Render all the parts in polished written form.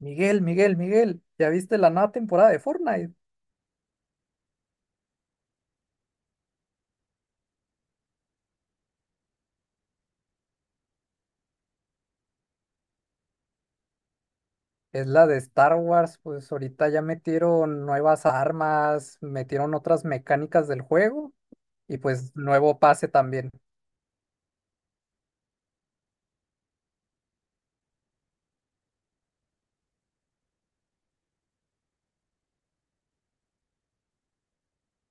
Miguel, Miguel, Miguel, ¿ya viste la nueva temporada de Fortnite? Es la de Star Wars, pues ahorita ya metieron nuevas armas, metieron otras mecánicas del juego y pues nuevo pase también.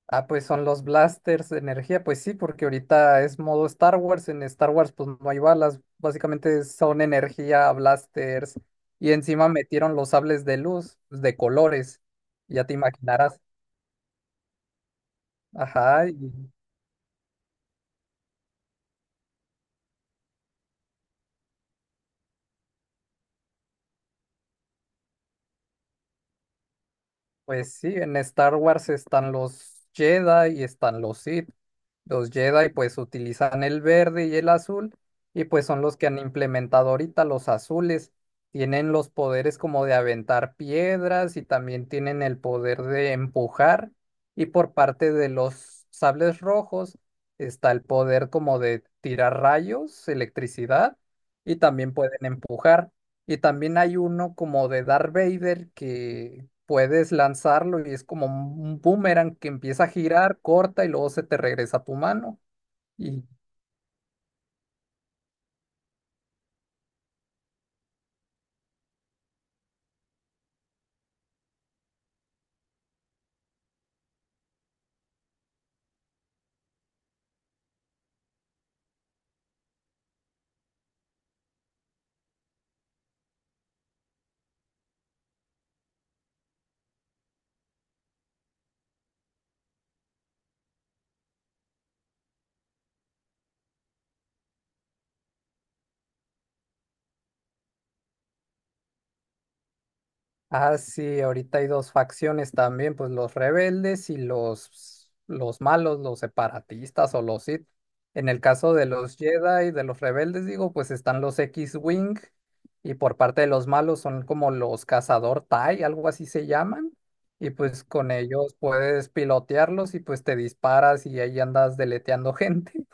Ah, pues son los blasters de energía, pues sí, porque ahorita es modo Star Wars, en Star Wars pues no hay balas, básicamente son energía, blasters y encima metieron los sables de luz pues, de colores, ya te imaginarás. Ajá. Y pues sí, en Star Wars están los Jedi y están los Sith. Los Jedi pues utilizan el verde y el azul y pues son los que han implementado ahorita los azules. Tienen los poderes como de aventar piedras y también tienen el poder de empujar. Y por parte de los sables rojos está el poder como de tirar rayos, electricidad y también pueden empujar. Y también hay uno como de Darth Vader que puedes lanzarlo y es como un boomerang que empieza a girar, corta y luego se te regresa a tu mano. Y ah, sí, ahorita hay dos facciones también, pues los rebeldes y los malos, los separatistas o los Sith. En el caso de los Jedi, de los rebeldes, digo, pues están los X-Wing y por parte de los malos son como los cazador tie, algo así se llaman. Y pues con ellos puedes pilotearlos y pues te disparas y ahí andas deleteando gente.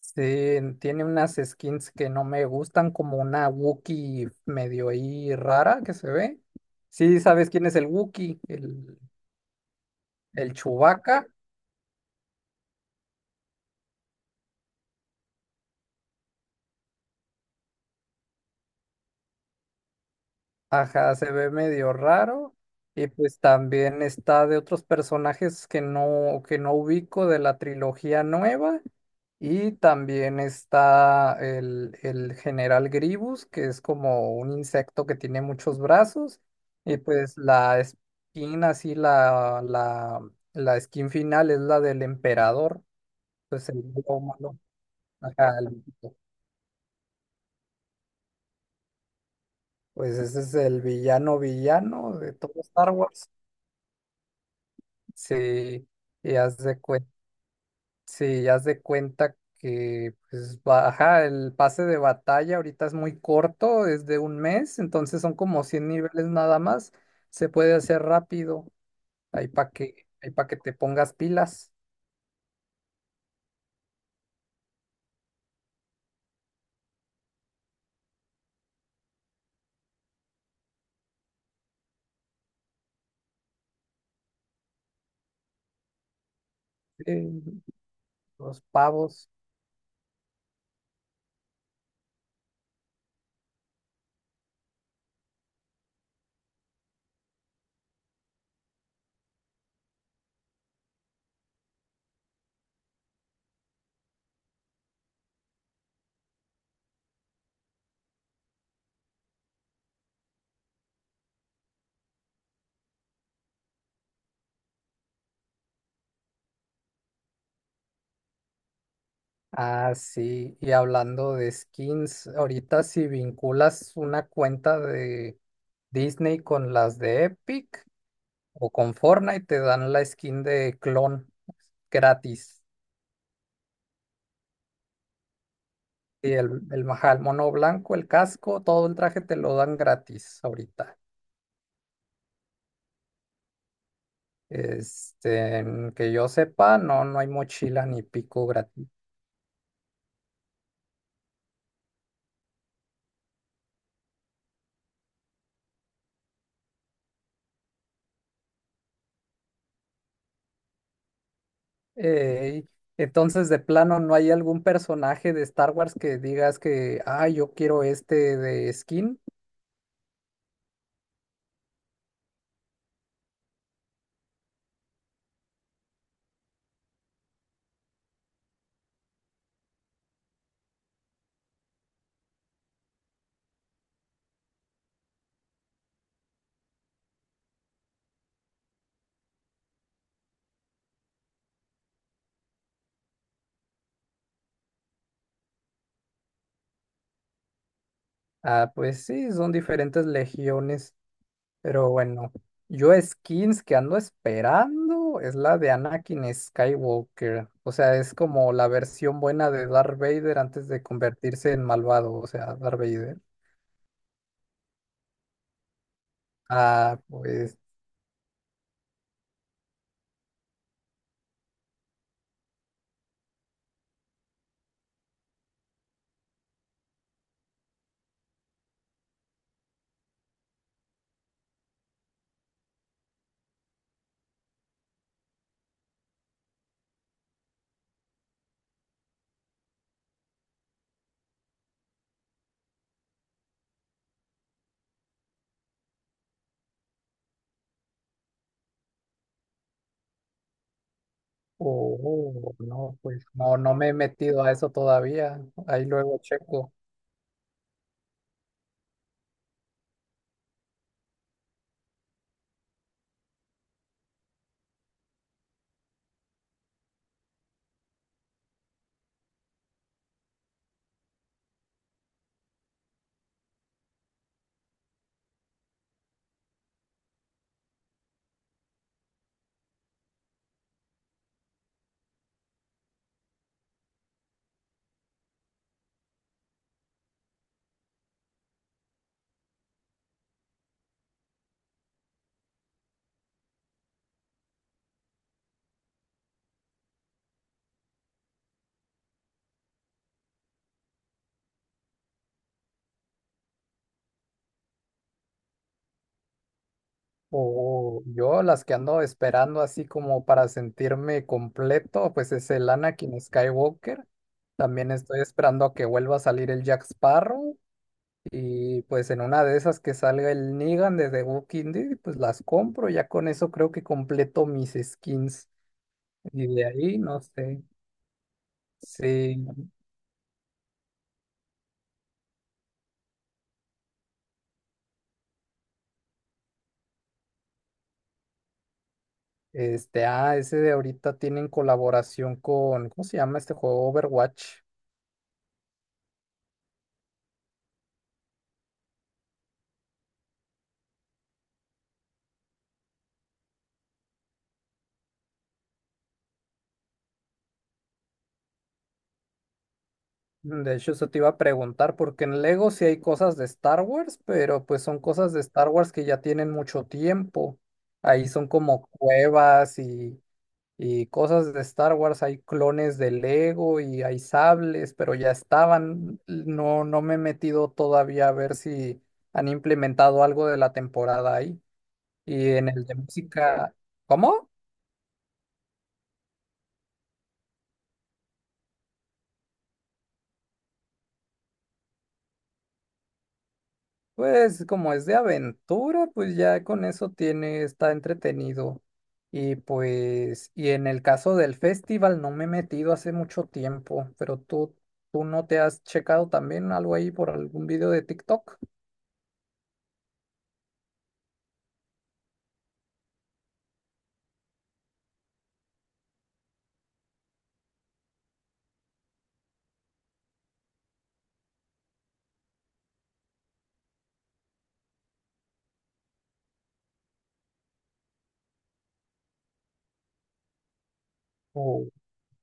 Sí, en- tiene unas skins que no me gustan, como una Wookiee medio ahí rara que se ve. Sí, ¿sabes quién es el Wookiee? El Chewbacca. Ajá, se ve medio raro. Y pues también está de otros personajes que no ubico de la trilogía nueva. Y también está el general Gribus, que es como un insecto que tiene muchos brazos. Y pues la skin así la skin final es la del emperador. Pues el malo, malo. Ajá, el viejito, pues ese es el villano villano de todo Star Wars. Sí, y haz de hace, sí, ya haz de cuenta que, pues, va- ajá, el pase de batalla ahorita es muy corto, es de un mes, entonces son como 100 niveles nada más. Se puede hacer rápido, ahí para ahí para que te pongas pilas, eh, los pavos. Ah, sí, y hablando de skins, ahorita si vinculas una cuenta de Disney con las de Epic o con Fortnite, te dan la skin de clon gratis. Sí, el majal, mono blanco, el casco, todo el traje te lo dan gratis ahorita. Este, que yo sepa, no, no hay mochila ni pico gratis. Ey, entonces, de plano, ¿no hay algún personaje de Star Wars que digas que, ah, yo quiero este de skin? Ah, pues sí, son diferentes legiones. Pero bueno, yo skins que ando esperando es la de Anakin Skywalker. O sea, es como la versión buena de Darth Vader antes de convertirse en malvado, o sea, Darth Vader. Ah, pues, oh, no, pues no, no me he metido a eso todavía. Ahí luego checo. O yo las que ando esperando así como para sentirme completo, pues es el Anakin Skywalker. También estoy esperando a que vuelva a salir el Jack Sparrow. Y pues en una de esas que salga el Negan de The Walking Dead, pues las compro. Ya con eso creo que completo mis skins. Y de ahí, no sé. Sí. Este, ah, ese de ahorita tienen colaboración con, ¿cómo se llama este juego? Overwatch. Mm, de hecho, eso te iba a preguntar, porque en Lego sí hay cosas de Star Wars, pero pues son cosas de Star Wars que ya tienen mucho tiempo. Ahí son como cuevas y cosas de Star Wars, hay clones de Lego y hay sables, pero ya estaban. No, no me he metido todavía a ver si han implementado algo de la temporada ahí. Y en el de música, ¿cómo? Pues como es de aventura, pues ya con eso tiene, está entretenido. Y pues, y en el caso del festival no me he metido hace mucho tiempo, pero tú no te has checado también algo ahí por algún video de TikTok.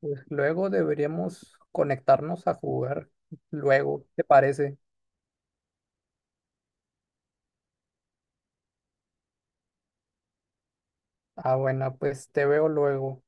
Pues luego deberíamos conectarnos a jugar. Luego, ¿te parece? Ah, bueno, pues te veo luego.